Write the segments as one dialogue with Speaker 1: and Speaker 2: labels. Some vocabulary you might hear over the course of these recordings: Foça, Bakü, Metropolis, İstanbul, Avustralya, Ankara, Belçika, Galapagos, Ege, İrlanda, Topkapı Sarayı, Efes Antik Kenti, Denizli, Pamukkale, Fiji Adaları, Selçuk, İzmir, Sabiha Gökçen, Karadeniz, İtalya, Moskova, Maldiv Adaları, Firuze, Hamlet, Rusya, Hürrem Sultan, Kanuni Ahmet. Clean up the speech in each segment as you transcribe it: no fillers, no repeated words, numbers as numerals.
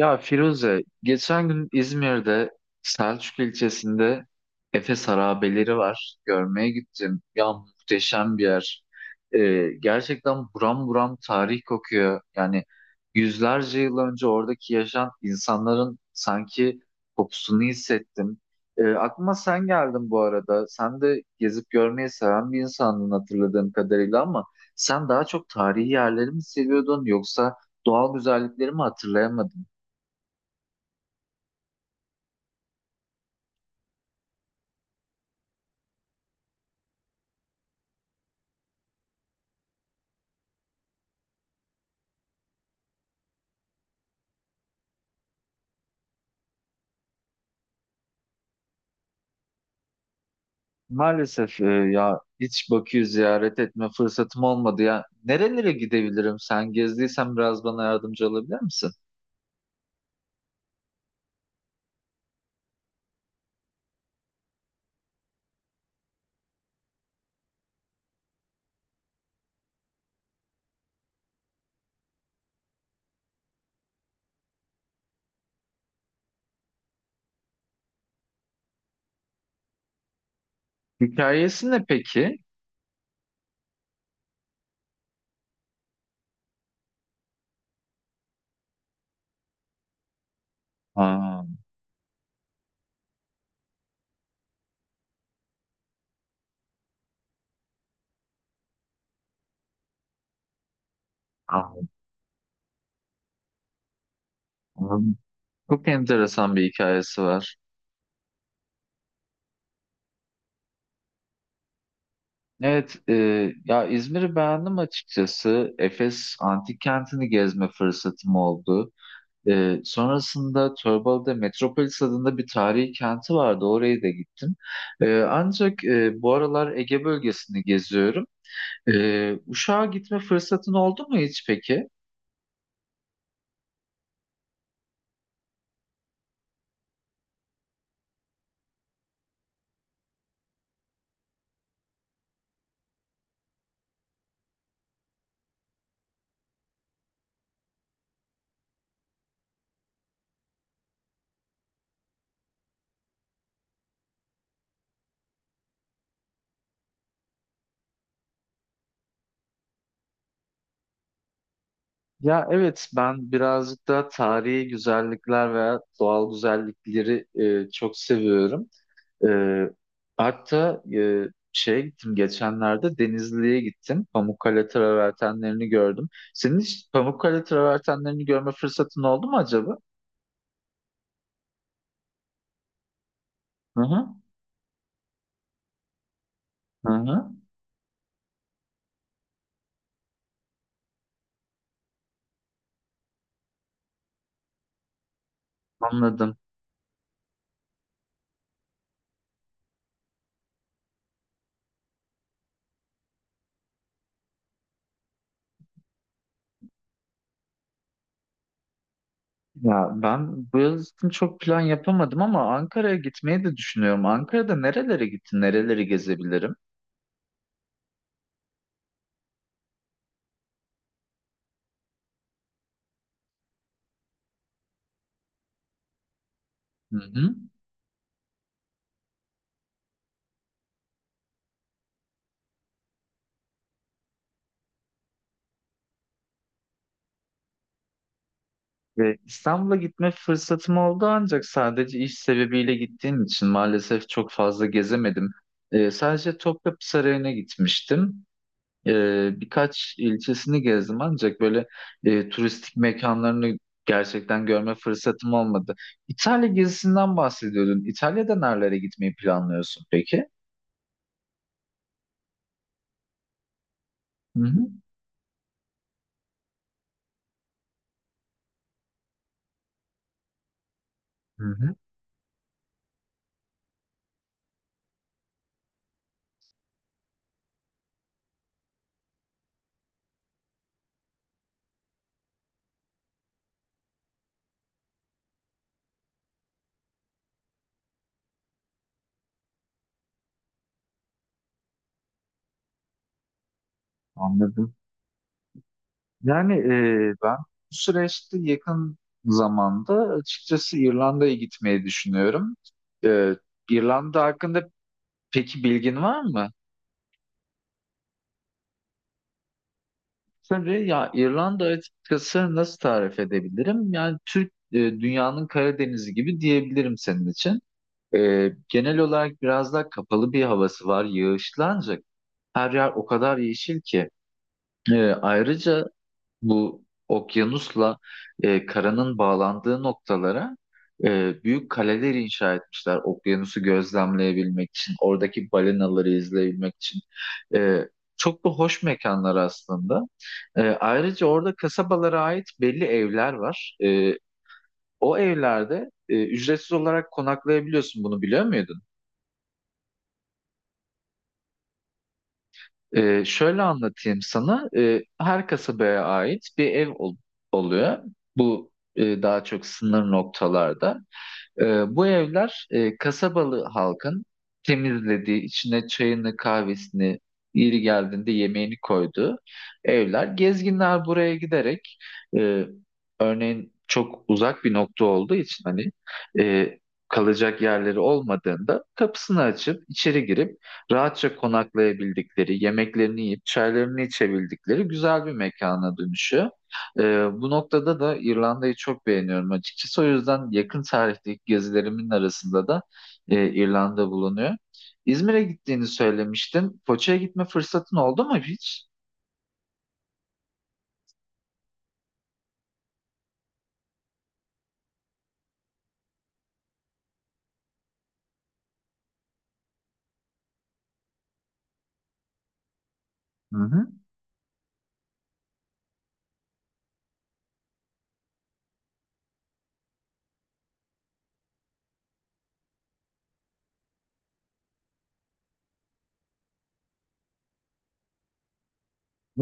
Speaker 1: Ya Firuze, geçen gün İzmir'de Selçuk ilçesinde Efes Harabeleri var. Görmeye gittim. Ya muhteşem bir yer. Gerçekten buram buram tarih kokuyor. Yani yüzlerce yıl önce oradaki yaşayan insanların sanki kokusunu hissettim. Aklıma sen geldin bu arada. Sen de gezip görmeyi seven bir insandın hatırladığım kadarıyla ama sen daha çok tarihi yerleri mi seviyordun yoksa doğal güzellikleri mi hatırlayamadın? Maalesef ya hiç Bakü'yü ziyaret etme fırsatım olmadı ya. Nerelere gidebilirim? Sen gezdiysen biraz bana yardımcı olabilir misin? Hikayesi ne peki? Aa, aa, çok enteresan bir hikayesi var. Evet, ya İzmir'i beğendim açıkçası. Efes Antik Kenti'ni gezme fırsatım oldu. Sonrasında Torbalı'da Metropolis adında bir tarihi kenti vardı. Oraya da gittim. Ancak bu aralar Ege bölgesini geziyorum. Uşak'a gitme fırsatın oldu mu hiç peki? Ya evet, ben birazcık da tarihi güzellikler veya doğal güzellikleri çok seviyorum. Ee, Hatta şeye gittim, geçenlerde Denizli'ye gittim. Pamukkale travertenlerini gördüm. Senin hiç Pamukkale travertenlerini görme fırsatın oldu mu acaba? Hı hı. Hı hı. Anladım. Ya ben bu yıl için çok plan yapamadım ama Ankara'ya gitmeyi de düşünüyorum. Ankara'da nerelere gittin, nereleri gezebilirim? Hı hı. Ve İstanbul'a gitme fırsatım oldu ancak sadece iş sebebiyle gittiğim için maalesef çok fazla gezemedim. Sadece Topkapı Sarayı'na gitmiştim. Birkaç ilçesini gezdim ancak böyle turistik mekanlarını gerçekten görme fırsatım olmadı. İtalya gezisinden bahsediyordun. İtalya'da nerelere gitmeyi planlıyorsun peki? Hı hı. Hı hı. Anladım. Yani ben bu süreçte yakın zamanda açıkçası İrlanda'ya gitmeyi düşünüyorum. E, İrlanda hakkında peki bilgin var mı? Tabii ya, İrlanda açıkçası nasıl tarif edebilirim? Yani dünyanın Karadeniz'i gibi diyebilirim senin için. Genel olarak biraz daha kapalı bir havası var. Yağışlı ancak her yer o kadar yeşil ki. Ayrıca bu okyanusla karanın bağlandığı noktalara büyük kaleler inşa etmişler. Okyanusu gözlemleyebilmek için, oradaki balinaları izleyebilmek için. E, Çok da hoş mekanlar aslında. Ayrıca orada kasabalara ait belli evler var. O evlerde ücretsiz olarak konaklayabiliyorsun. Bunu biliyor muydun? Şöyle anlatayım sana. Her kasabaya ait bir ev oluyor. Bu daha çok sınır noktalarda. Bu evler kasabalı halkın temizlediği, içine çayını, kahvesini, yeri geldiğinde yemeğini koyduğu evler. Gezginler buraya giderek e, örneğin çok uzak bir nokta olduğu için hani e, kalacak yerleri olmadığında kapısını açıp içeri girip rahatça konaklayabildikleri, yemeklerini yiyip çaylarını içebildikleri güzel bir mekana dönüşüyor. Ee, Bu noktada da İrlanda'yı çok beğeniyorum açıkçası. O yüzden yakın tarihteki gezilerimin arasında da İrlanda bulunuyor. İzmir'e gittiğini söylemiştin. Foça'ya gitme fırsatın oldu mu hiç? Hı hı.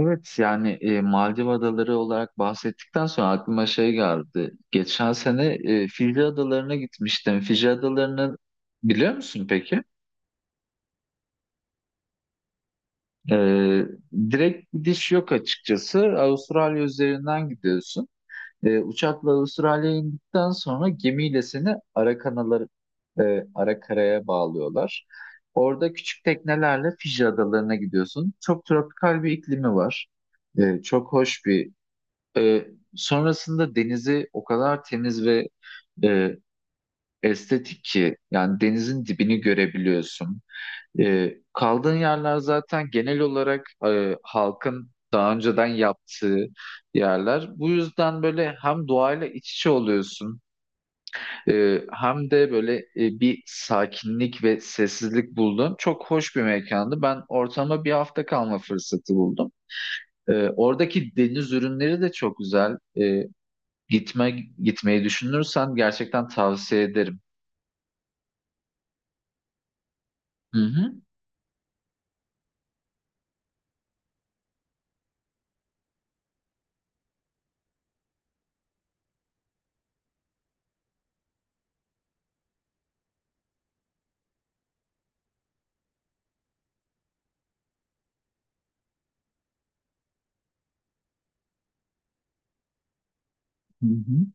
Speaker 1: Evet, yani Maldiv Adaları olarak bahsettikten sonra aklıma şey geldi. Geçen sene Fiji Adaları'na gitmiştim. Fiji Adaları'nı biliyor musun peki? Ee, Direkt gidiş yok açıkçası. Avustralya üzerinden gidiyorsun. Uçakla Avustralya'ya indikten sonra gemiyle seni ara karaya bağlıyorlar. Orada küçük teknelerle Fiji adalarına gidiyorsun. Çok tropikal bir iklimi var. E, çok hoş bir. E, Sonrasında denizi o kadar temiz ve e, estetik ki yani denizin dibini görebiliyorsun. Kaldığın yerler zaten genel olarak halkın daha önceden yaptığı yerler. Bu yüzden böyle hem doğayla iç içe oluyorsun, hem de böyle bir sakinlik ve sessizlik buldun. Çok hoş bir mekandı. Ben ortama bir hafta kalma fırsatı buldum. Oradaki deniz ürünleri de çok güzel. Gitme Gitmeyi düşünürsen gerçekten tavsiye ederim. Hı hı. Hı hı.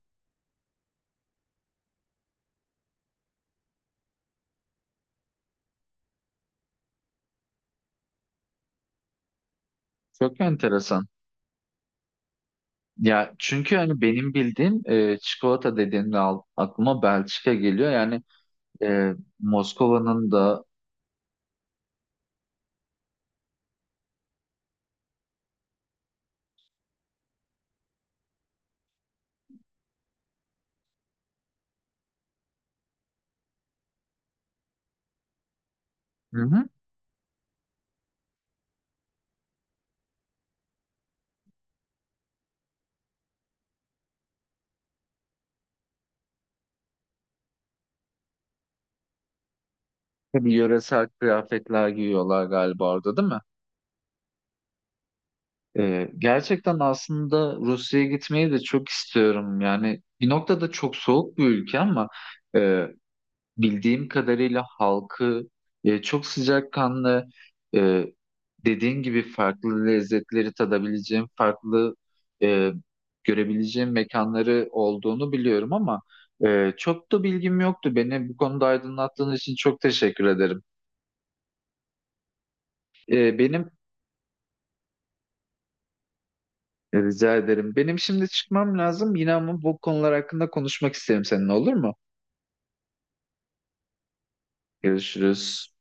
Speaker 1: Çok enteresan. Ya çünkü hani benim bildiğim çikolata dediğimde aklıma Belçika geliyor. Yani e, Moskova'nın da hı hı, tabii yöresel kıyafetler giyiyorlar galiba orada, değil mi? Gerçekten aslında Rusya'ya gitmeyi de çok istiyorum. Yani bir noktada çok soğuk bir ülke ama bildiğim kadarıyla halkı çok sıcakkanlı, e, dediğin gibi farklı lezzetleri tadabileceğim, farklı e, görebileceğim mekanları olduğunu biliyorum ama çok da bilgim yoktu. Beni bu konuda aydınlattığın için çok teşekkür ederim. E, benim rica ederim. Benim şimdi çıkmam lazım. Yine ama bu konular hakkında konuşmak isterim seninle, olur mu? Görüşürüz.